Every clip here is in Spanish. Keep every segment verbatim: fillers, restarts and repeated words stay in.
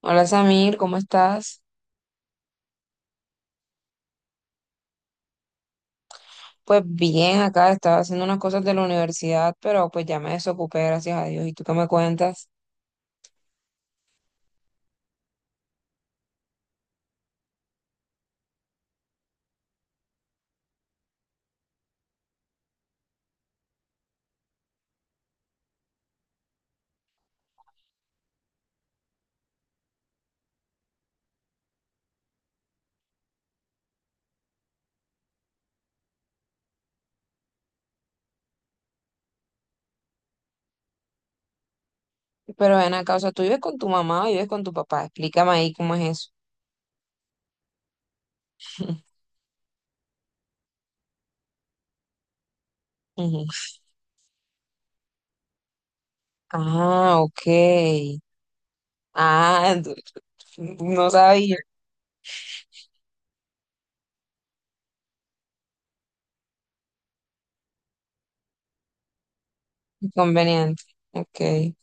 Hola, Samir, ¿cómo estás? Pues bien, acá estaba haciendo unas cosas de la universidad, pero pues ya me desocupé, gracias a Dios. ¿Y tú qué me cuentas? Pero ven acá, o sea, ¿tú vives con tu mamá o vives con tu papá? Explícame ahí cómo es eso. Ujú. Ah, ok. Ah, ent- no sabía. Inconveniente. Ok.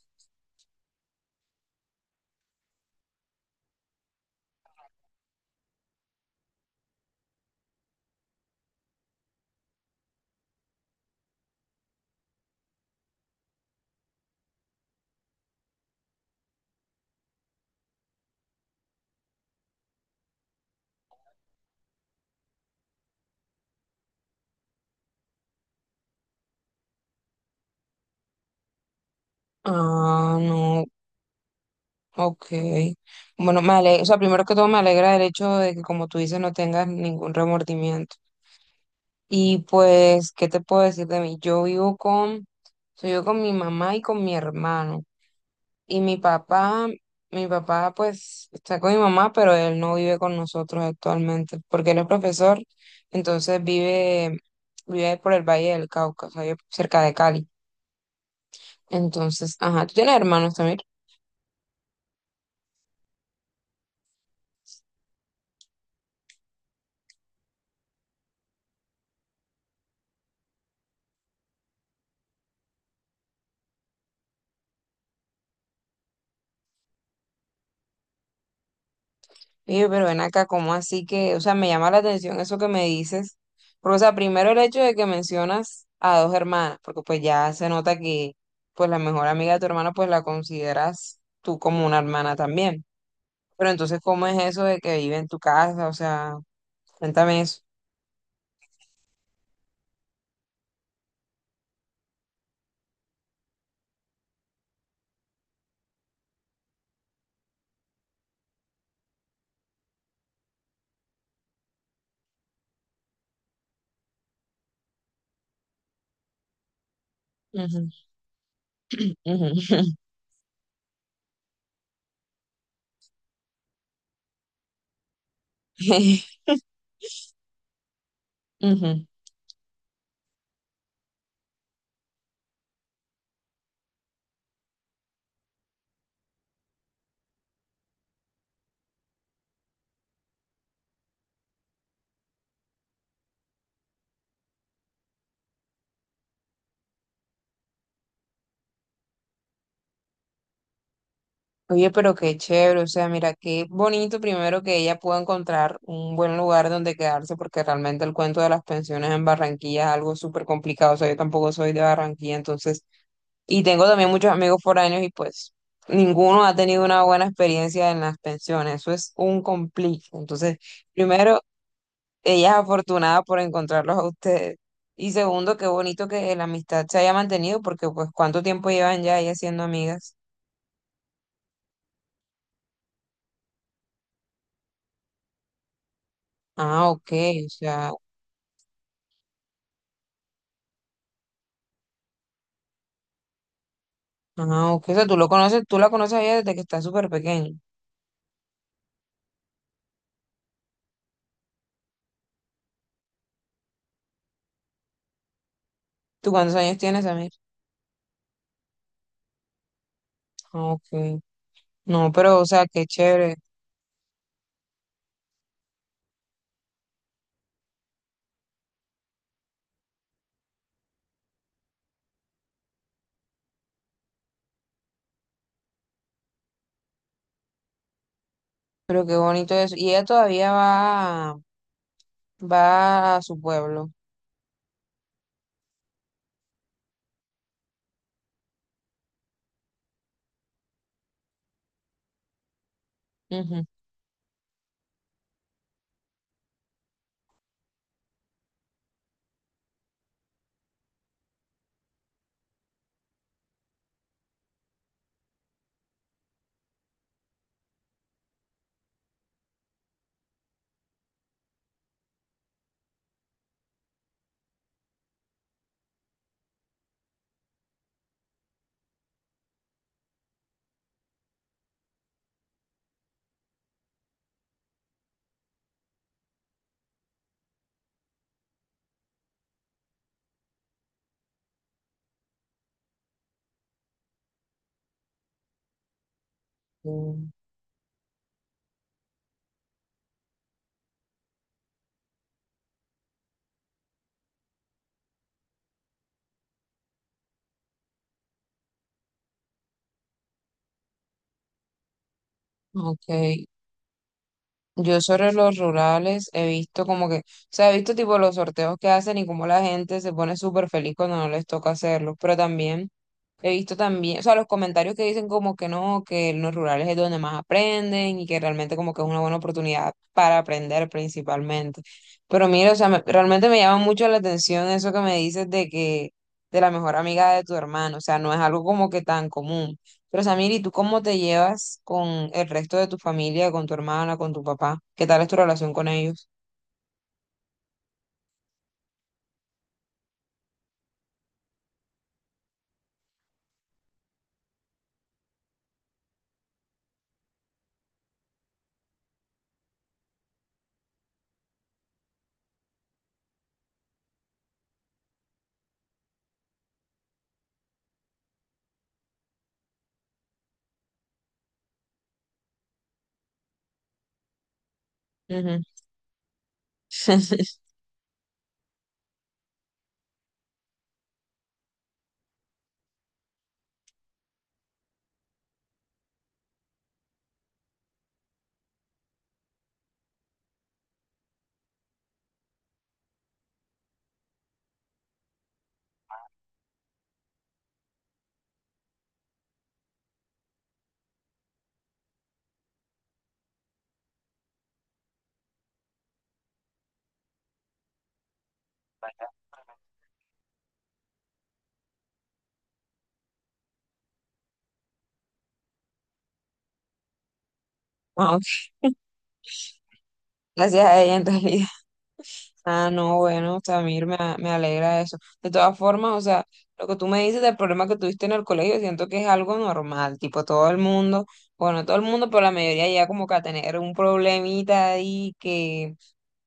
Ah, no, ok. Bueno, me ale- o sea, primero que todo me alegra el hecho de que, como tú dices, no tengas ningún remordimiento. Y pues, ¿qué te puedo decir de mí? Yo vivo con Soy yo con mi mamá y con mi hermano. Y mi papá, mi papá pues está con mi mamá, pero él no vive con nosotros actualmente, porque él es profesor, entonces vive, vive por el Valle del Cauca, o sea, vive cerca de Cali. Entonces, ajá, tú tienes hermanos también. Y yo, pero ven acá, ¿cómo así que, o sea, me llama la atención eso que me dices? Porque, o sea, primero el hecho de que mencionas a dos hermanas, porque pues ya se nota que, pues la mejor amiga de tu hermano, pues la consideras tú como una hermana también. Pero entonces, ¿cómo es eso de que vive en tu casa? O sea, cuéntame eso. Ujú, ujú. Ujú. Oye, pero qué chévere, o sea, mira, qué bonito primero que ella pueda encontrar un buen lugar donde quedarse, porque realmente el cuento de las pensiones en Barranquilla es algo súper complicado, o sea, yo tampoco soy de Barranquilla, entonces, y tengo también muchos amigos foráneos y pues ninguno ha tenido una buena experiencia en las pensiones, eso es un complique, entonces, primero, ella es afortunada por encontrarlos a ustedes. Y segundo, qué bonito que la amistad se haya mantenido, porque pues cuánto tiempo llevan ya ellas siendo amigas. Ah, ok, o sea, ah, ok, o sea, tú lo conoces, tú la conoces a ella desde que está súper pequeña. ¿Tú cuántos años tienes, Amir? Ah, ok. No, pero, o sea, qué chévere, pero qué bonito eso. Y ella todavía va, va a su pueblo. Ujú. Mm. Ok. Yo sobre los rurales he visto como que, o sea, he visto tipo los sorteos que hacen y cómo la gente se pone súper feliz cuando no les toca hacerlo, pero también he visto también, o sea, los comentarios que dicen como que no, que en los rurales es donde más aprenden y que realmente como que es una buena oportunidad para aprender principalmente. Pero mira, o sea, me- realmente me llama mucho la atención eso que me dices de que, de la mejor amiga de tu hermano, o sea, no es algo como que tan común. Pero, Samir, ¿y tú cómo te llevas con el resto de tu familia, con tu hermana, con tu papá? ¿Qué tal es tu relación con ellos? Ujú. Ah, ok. Gracias a ella en realidad. Ah, no, bueno, Samir, me, a- me alegra eso. De todas formas, o sea, lo que tú me dices del problema que tuviste en el colegio, siento que es algo normal, tipo todo el mundo, bueno, no todo el mundo, pero la mayoría ya como que a tener un problemita ahí que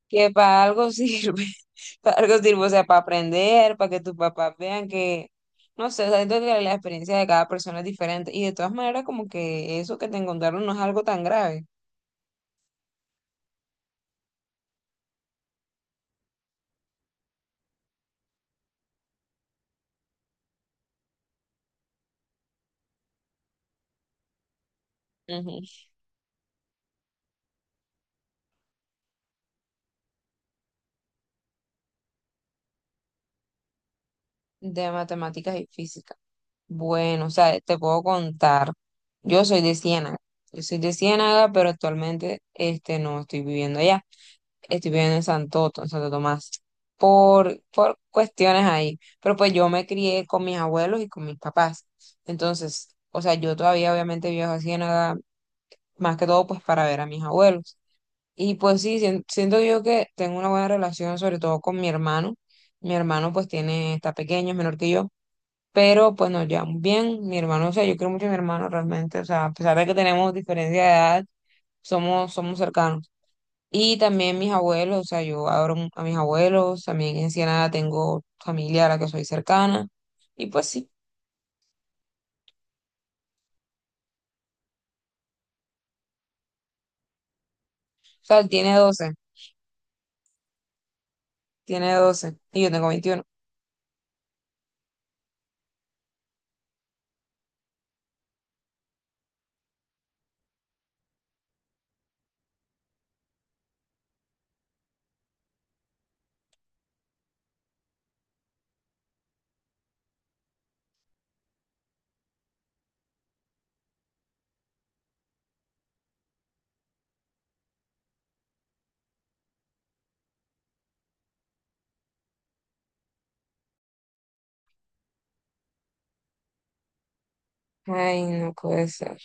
que para algo sirve, para algo sirve, o sea, para aprender, para que tus papás vean que, no sé, o sea, siento que la experiencia de cada persona es diferente y de todas maneras como que eso que te encontraron no es algo tan grave. Ujú. De matemáticas y física. Bueno, o sea, te puedo contar, yo soy de Ciénaga, yo soy de Ciénaga, pero actualmente este, no estoy viviendo allá. Estoy viviendo en Santo, en Santo Tomás, por, por cuestiones ahí. Pero pues yo me crié con mis abuelos y con mis papás. Entonces, o sea, yo todavía obviamente viajo a Ciénaga, más que todo pues para ver a mis abuelos. Y pues sí, sien- siento yo que tengo una buena relación, sobre todo con mi hermano. Mi hermano pues tiene, está pequeño, es menor que yo. Pero pues nos llevamos bien, mi hermano, o sea, yo quiero mucho a mi hermano realmente, o sea, a pesar de que tenemos diferencia de edad, somos, somos cercanos. Y también mis abuelos, o sea, yo adoro mu- a mis abuelos, también en Ciénaga tengo familia a la que soy cercana. Y pues sí, o sea, él tiene doce tiene doce y yo tengo veintiuno. ¡Ay, no puede ser!